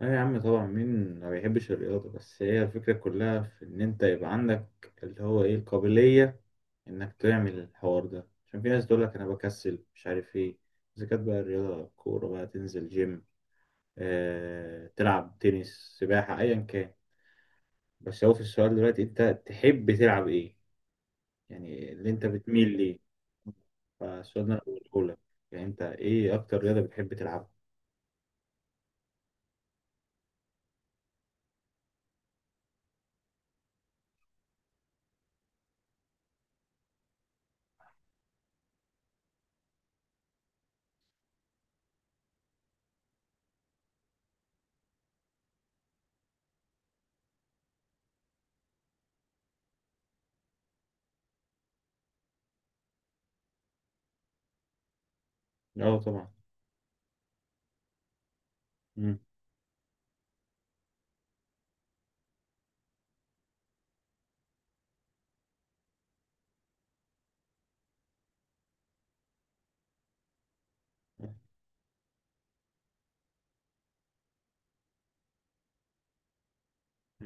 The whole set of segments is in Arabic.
لا يا عم، طبعا. مين ما بيحبش الرياضة؟ بس هي الفكرة كلها في إن أنت يبقى عندك اللي هو إيه القابلية إنك تعمل الحوار ده، عشان في ناس تقولك أنا بكسل مش عارف إيه. إذا كانت بقى الرياضة كورة، بقى تنزل جيم، تلعب تنس، سباحة، أيا كان. بس هو في السؤال دلوقتي أنت تحب تلعب إيه؟ يعني اللي أنت بتميل ليه. فالسؤال ده أنا بقوله لك، يعني أنت إيه أكتر رياضة بتحب تلعبها؟ أه طبعا. مم.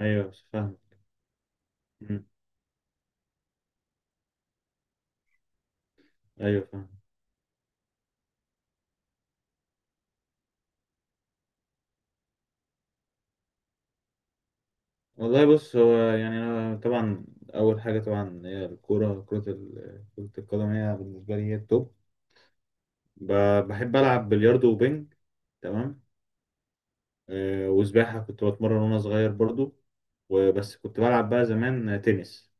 أيوه، فاهم. مم. أيوه، فاهم. والله بص، هو يعني أنا طبعا أول حاجة طبعا هي الكورة. كرة القدم هي بالنسبة لي هي التوب. بحب ألعب بلياردو وبينج. تمام. وسباحة كنت بتمرن وأنا صغير برضو. وبس كنت بلعب بقى زمان تنس.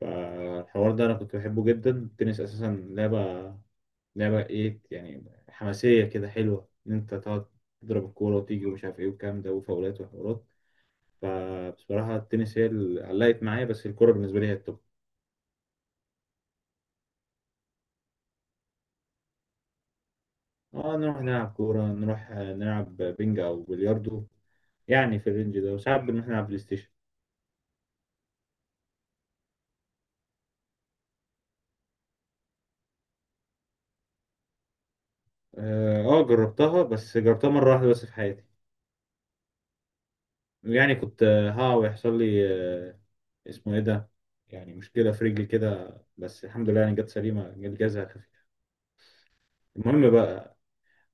فالحوار ده أنا كنت بحبه جدا، التنس أساسا. لعبة لعبة إيه، يعني حماسية كده، حلوة إن أنت تقعد تضرب الكورة وتيجي ومش عارف إيه والكلام ده، وفاولات وحوارات. فبصراحة، التنس هي اللي علقت معايا، بس الكورة بالنسبة لي هي التوب. اه، نروح نلعب كورة، نروح نلعب بينج أو بلياردو، يعني في الرينج ده، وساعات بنروح نلعب بلاي ستيشن. اه، جربتها، بس جربتها مرة واحدة بس في حياتي. يعني كنت، ها، ويحصل لي، آه، اسمه ايه ده، يعني مشكلة في رجلي كده. بس الحمد لله يعني جت سليمة، جت جازها خفيف. المهم بقى،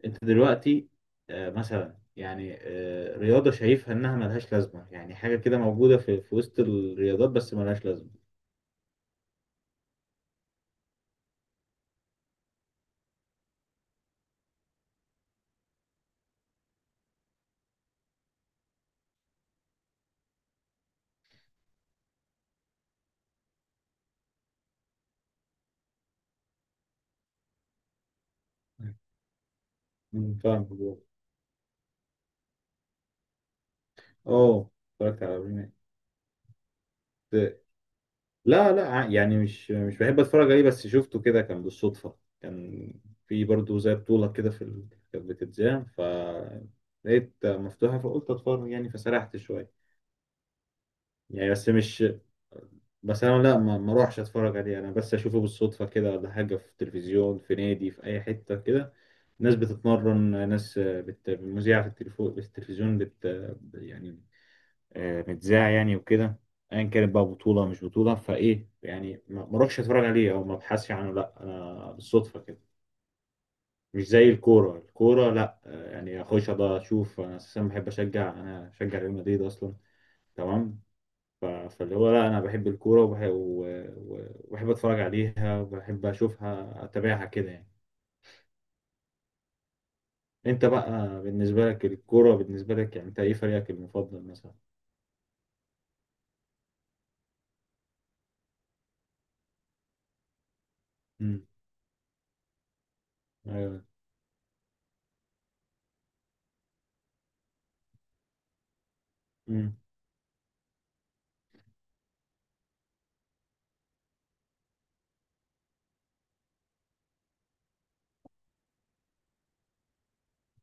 انت دلوقتي مثلا يعني رياضة شايفها انها ملهاش لازمة، يعني حاجة كده موجودة في وسط الرياضات بس ملهاش لازمة. فاهم. اه، اتفرجت على برنامج. لا، لا، يعني مش بحب اتفرج عليه، بس شفته كده كان بالصدفة. كان في برضه زي بطولة كده كانت بتتذاع، فلقيت مفتوحة فقلت اتفرج يعني، فسرحت شوية. يعني بس مش. بس انا لا، ما اروحش اتفرج عليه، انا بس اشوفه بالصدفة كده، ولا حاجة في التلفزيون، في نادي، في اي حتة كده. ناس بتتمرن، في التلفزيون يعني متذاع يعني وكده. ايا كانت بقى بطوله مش بطوله فايه يعني، ما اروحش اتفرج عليه او ما ابحثش عنه، لا انا بالصدفه كده. مش زي الكوره. الكوره لا، يعني اخش بقى اشوف. انا اساسا بحب اشجع، انا بشجع ريال مدريد اصلا. تمام. فاللي هو لا، انا بحب الكوره، وبحب اتفرج عليها، وبحب اشوفها، اتابعها كده يعني. انت بقى، بالنسبه لك الكوره، بالنسبه لك يعني انت ايه فريقك المفضل مثلا؟ امم ايوه.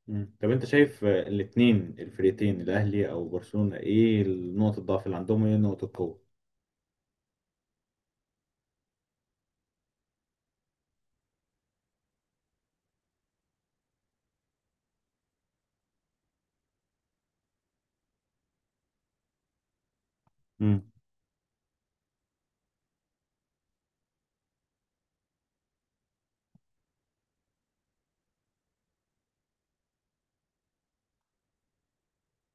مم. طب انت شايف الاتنين الفريقين، الاهلي او برشلونة، ايه نقطة الضعف اللي عندهم وايه نقطة القوة؟ امم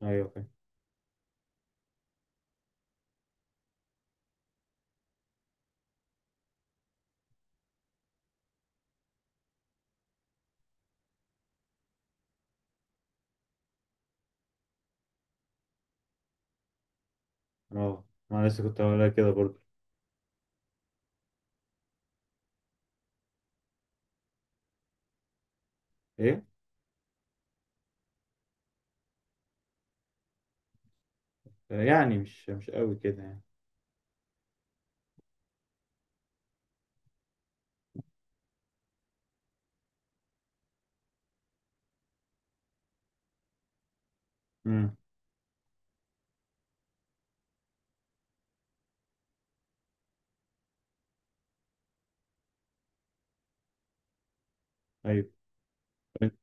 ايوه، فاهم. اه، انا لسه كنت هقولها كده برضو. ايه؟ يعني مش قوي كده يعني. امم ايوه. طب انت-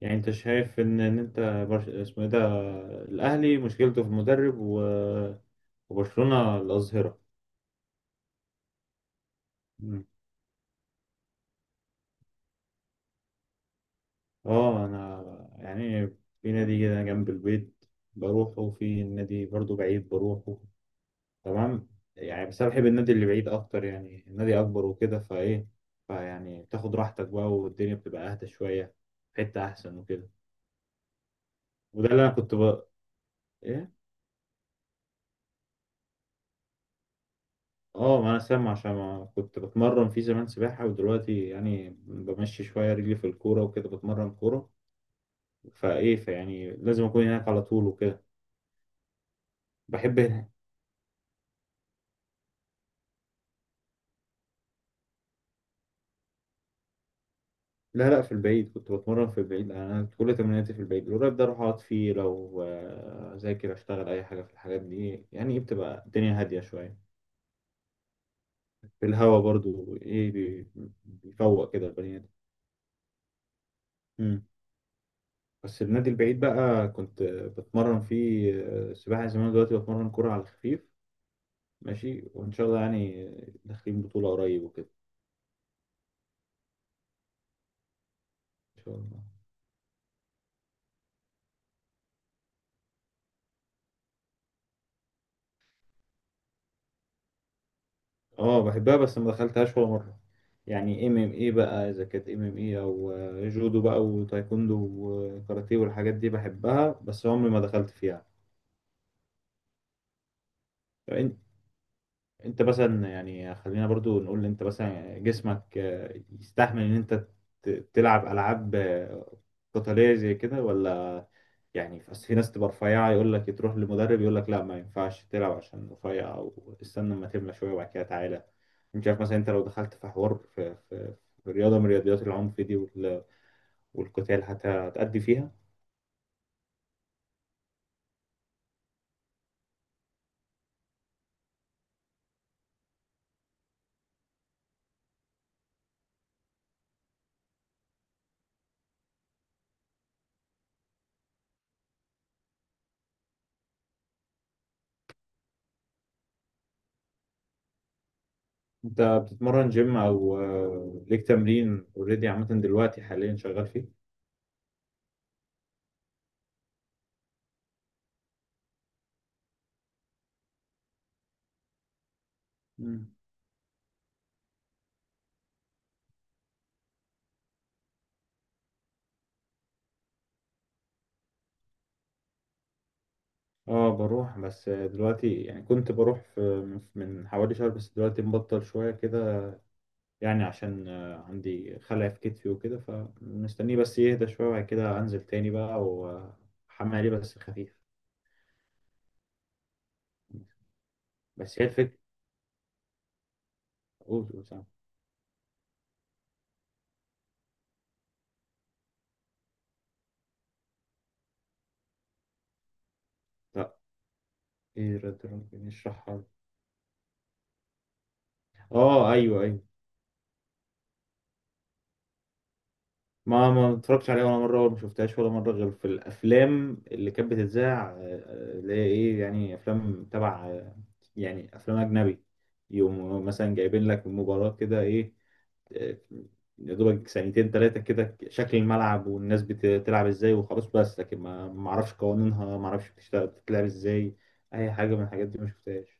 يعني انت شايف ان انت اسمه ايه ده، الاهلي مشكلته في المدرب، وبرشلونة الأظهرة. مم. اه، انا يعني في نادي كده جنب البيت بروحه، وفي نادي برضو بعيد بروحه. تمام. يعني بس انا بحب النادي اللي بعيد اكتر، يعني النادي اكبر وكده فايه، فيعني بتاخد راحتك بقى والدنيا بتبقى اهدى شويه، في حته احسن وكده. وده اللي انا كنت ايه، اه، ما انا سامع، عشان ما كنت بتمرن في زمان سباحه، ودلوقتي يعني بمشي شويه رجلي في الكوره وكده، بتمرن كوره فايه، فيعني لازم اكون هناك على طول وكده. بحب لا، لا، في البعيد كنت بتمرن، في البعيد يعني. انا كل تمريناتي في البعيد، القريب ده اروح اقعد فيه لو اذاكر اشتغل اي حاجه في الحاجات دي، يعني إيه، بتبقى الدنيا هاديه شويه، في الهوا برضو ايه، بيفوق كده البني ادم. مم. بس النادي البعيد بقى كنت بتمرن فيه سباحه زمان، دلوقتي بتمرن كوره على الخفيف، ماشي وان شاء الله يعني، داخلين بطوله قريب وكده. ان شاء الله. اه، بحبها بس ما دخلتهاش ولا مرة. يعني MMA بقى، اذا كانت MMA او جودو بقى وتايكوندو وكاراتيه والحاجات دي بحبها، بس عمري ما دخلت فيها. فإن- انت مثلا يعني، خلينا برضو نقول، انت مثلا جسمك يستحمل ان انت تلعب العاب قتالية زي كده ولا؟ يعني بس في ناس تبقى رفيعة، يقول لك تروح لمدرب يقول لك لا، ما ينفعش تلعب عشان رفيع، أو استنى أما تملى شوية وبعد كده تعالى. مش عارف مثلا، أنت لو دخلت في حوار في رياضة من رياضيات العنف دي، والقتال، هتأدي فيها؟ أنت بتتمرن جيم أو ليك تمرين أوريدي عامة دلوقتي حاليا شغال فيه؟ مم. اه، بروح بس دلوقتي يعني كنت بروح في، من حوالي شهر، بس دلوقتي مبطل شوية كده، يعني عشان عندي خلع في كتفي وكده، فمستنيه بس يهدى شوية وبعد كده أنزل تاني بقى وأحمل عليه بس خفيف. بس هي الفكرة. قول قول، سامع. لا، إيه رد ممكن يشرحها. آه أيوه أيوه. ما اتفرجتش عليها ولا مرة، ولا ما شفتهاش ولا مرة، غير في الأفلام اللي كانت بتتذاع اللي هي إيه، يعني أفلام تبع يعني أفلام أجنبي، يقوموا مثلا جايبين لك مباراة كده، إيه، آه، يا دوبك ثانيتين تلاتة كده، شكل الملعب والناس بتلعب ازاي، وخلاص. بس لكن ما اعرفش قوانينها، ما اعرفش بتشتغل بتتلعب ازاي. اي حاجة من الحاجات دي ما شفتهاش.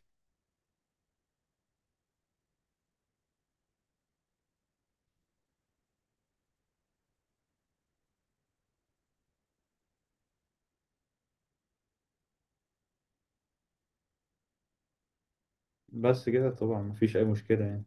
بس كده طبعا ما فيش اي مشكلة يعني.